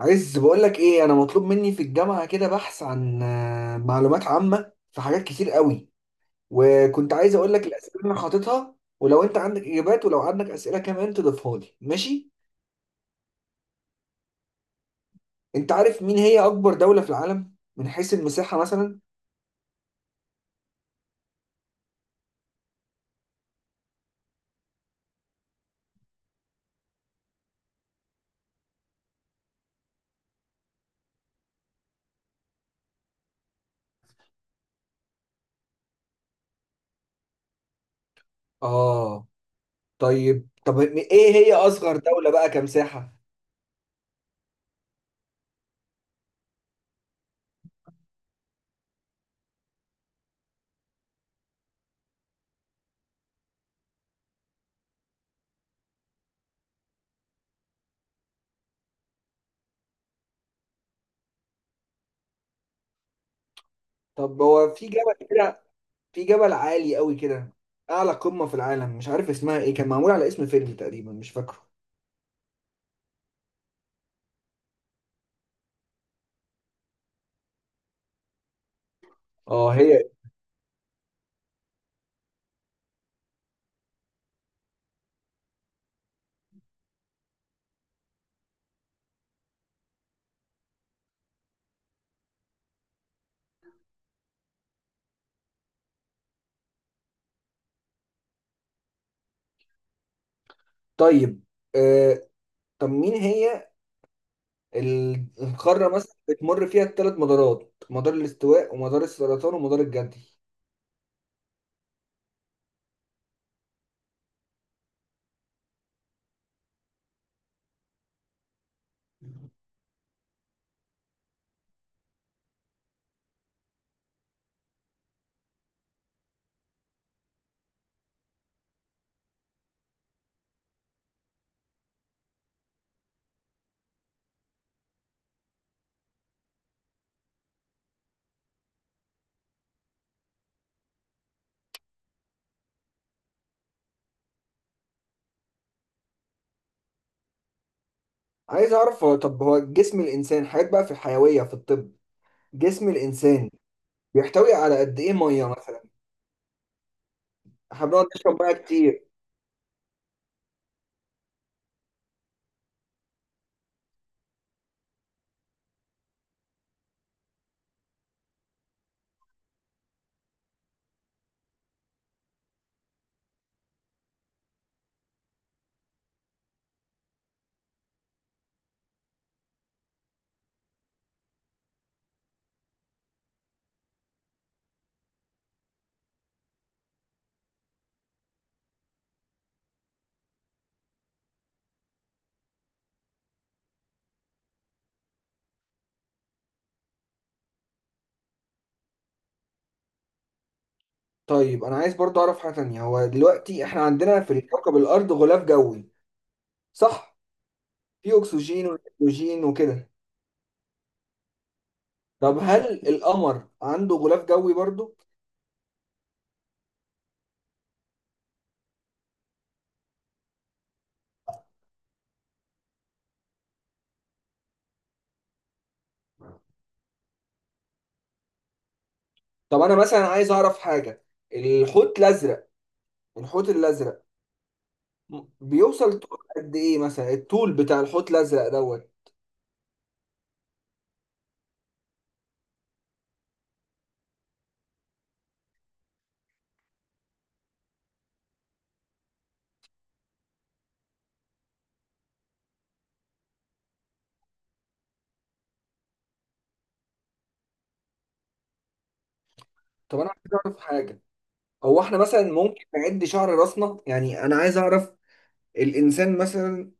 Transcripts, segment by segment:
عايز بقول لك ايه، انا مطلوب مني في الجامعه كده بحث عن معلومات عامه في حاجات كتير قوي. وكنت عايز اقول لك الاسئله اللي انا حاططها، ولو انت عندك اجابات ولو عندك اسئله كمان تضيفها لي، ماشي؟ انت عارف مين هي اكبر دوله في العالم من حيث المساحه مثلا؟ اه. طيب، ايه هي اصغر دوله بقى كمساحه؟ طب هو في جبل كده، في جبل عالي قوي كده، اعلى قمه في العالم، مش عارف اسمها ايه، كان معمول على اسم فيلم تقريبا، مش فاكره. اه، هي. طيب آه، طب مين هي القارة مثلا بتمر فيها الثلاث مدارات، مدار الاستواء ومدار السرطان ومدار الجدي؟ عايز اعرف، طب هو جسم الانسان حاجات بقى في الحيوية في الطب، جسم الانسان بيحتوي على قد ايه مية مثلا؟ احنا بنقعد نشرب ميه كتير. طيب انا عايز برضو اعرف حاجة تانية، هو دلوقتي احنا عندنا في كوكب الارض غلاف جوي، صح؟ في اكسجين ونيتروجين وكده. طب هل القمر عنده غلاف جوي برضو؟ طب انا مثلا عايز اعرف حاجة، الحوت الازرق، الحوت الازرق بيوصل طول قد ايه مثلا؟ الطول بتاع الحوت الازرق طب انا عايز اعرف حاجه، هو احنا مثلا ممكن نعد شعر راسنا؟ يعني انا عايز اعرف الانسان مثلا،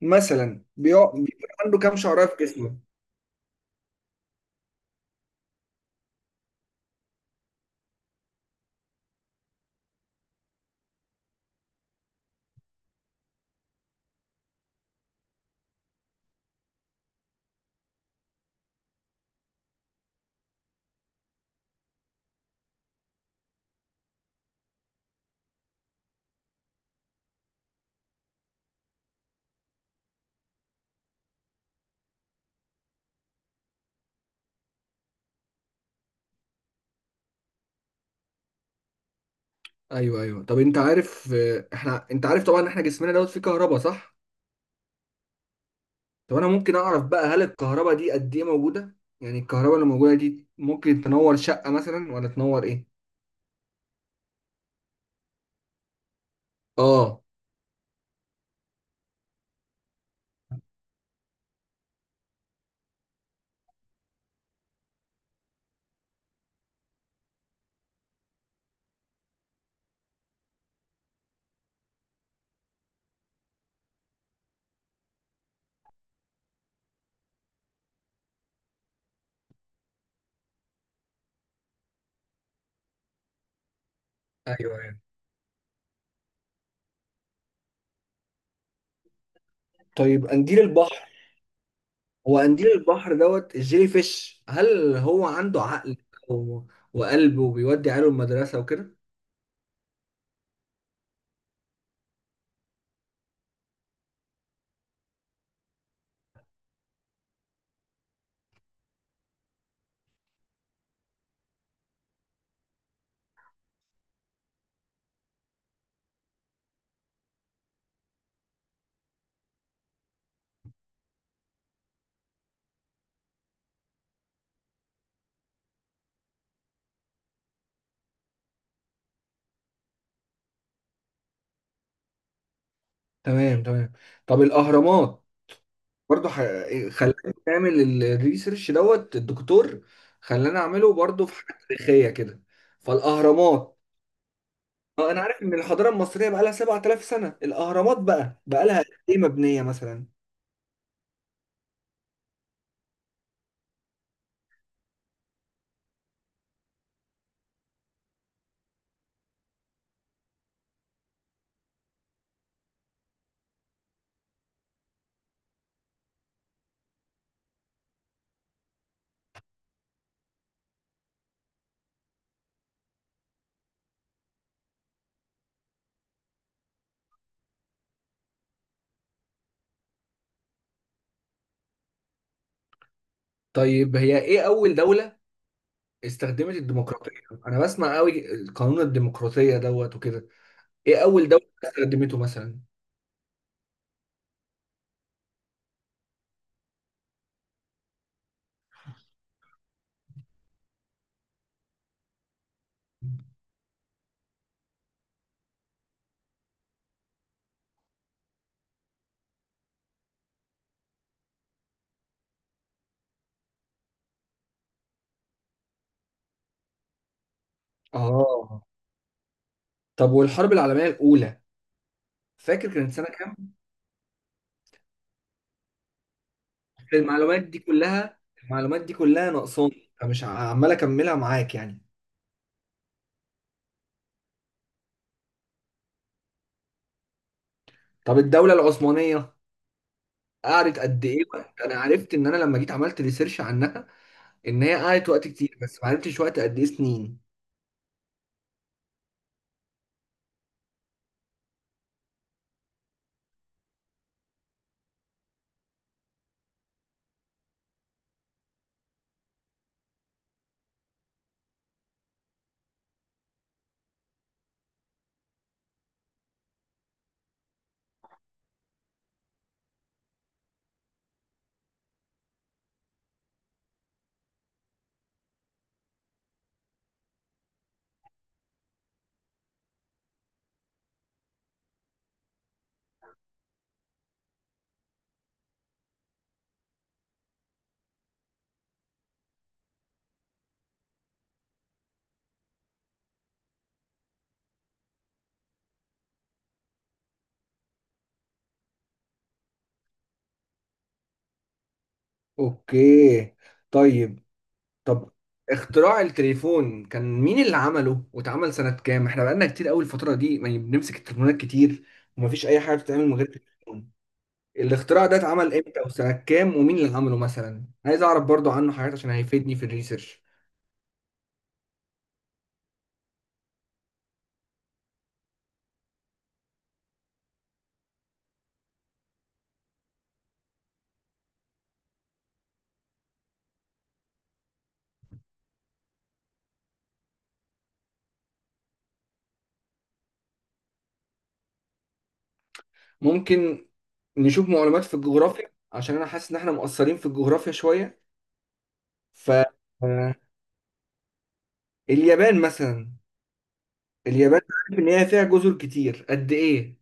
بيبقى عنده كام شعره في جسمه؟ ايوه، ايوه. طب انت عارف، احنا، انت عارف طبعا ان احنا جسمنا فيه كهرباء، صح؟ طب انا ممكن اعرف بقى، هل الكهرباء دي قد ايه موجوده؟ يعني الكهرباء اللي موجوده دي ممكن تنور شقه مثلا ولا تنور ايه؟ اه. ايوه، ايوه. طيب، قنديل البحر، هو قنديل البحر الجيلي فيش، هل هو عنده عقل و- وقلب وبيودي عياله المدرسة وكده؟ تمام، تمام. طب الأهرامات، برضه خلاني نعمل الريسيرش الدكتور خلانا أعمله برضه في حاجة تاريخية كده، فالأهرامات، أنا عارف إن الحضارة المصرية بقى لها 7000 سنة، الأهرامات بقى لها إيه مبنية مثلا؟ طيب، هي إيه أول دولة استخدمت الديمقراطية؟ أنا بسمع قوي قانون الديمقراطية وكده. ايه اول دولة استخدمته مثلا؟ اه. طب والحرب العالمية الاولى فاكر كانت سنة كام؟ المعلومات دي كلها المعلومات دي كلها ناقصاني، فمش عمال اكملها معاك يعني. طب الدولة العثمانية قعدت قد ايه وقت؟ انا عرفت ان انا لما جيت عملت ريسيرش عنها ان هي قعدت وقت كتير، بس ما عرفتش وقت قد ايه سنين. اوكي. طيب. طب اختراع التليفون كان مين اللي عمله واتعمل سنة كام؟ احنا بقالنا كتير قوي الفترة دي، يعني بنمسك التليفونات كتير، ومفيش أي حاجة بتتعمل من غير التليفون. الاختراع ده اتعمل امتى وسنة كام ومين اللي عمله مثلا؟ عايز أعرف برضو عنه حاجات عشان هيفيدني في الريسيرش. ممكن نشوف معلومات في الجغرافيا، عشان أنا حاسس إن احنا مقصرين في الجغرافيا شوية. ف آه، اليابان مثلا، اليابان، عارف إن هي فيها جزر كتير قد إيه؟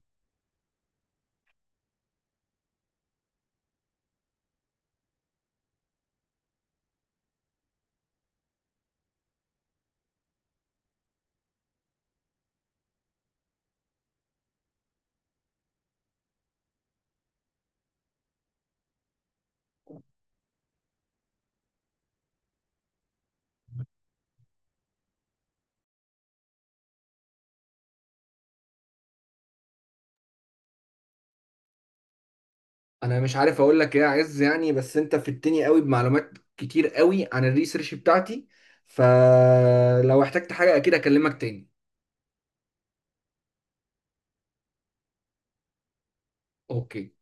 انا مش عارف اقول لك ايه يا عز يعني، بس انت فدتني قوي بمعلومات كتير قوي عن الريسيرش بتاعتي، فلو احتجت حاجة اكيد اكلمك تاني. اوكي.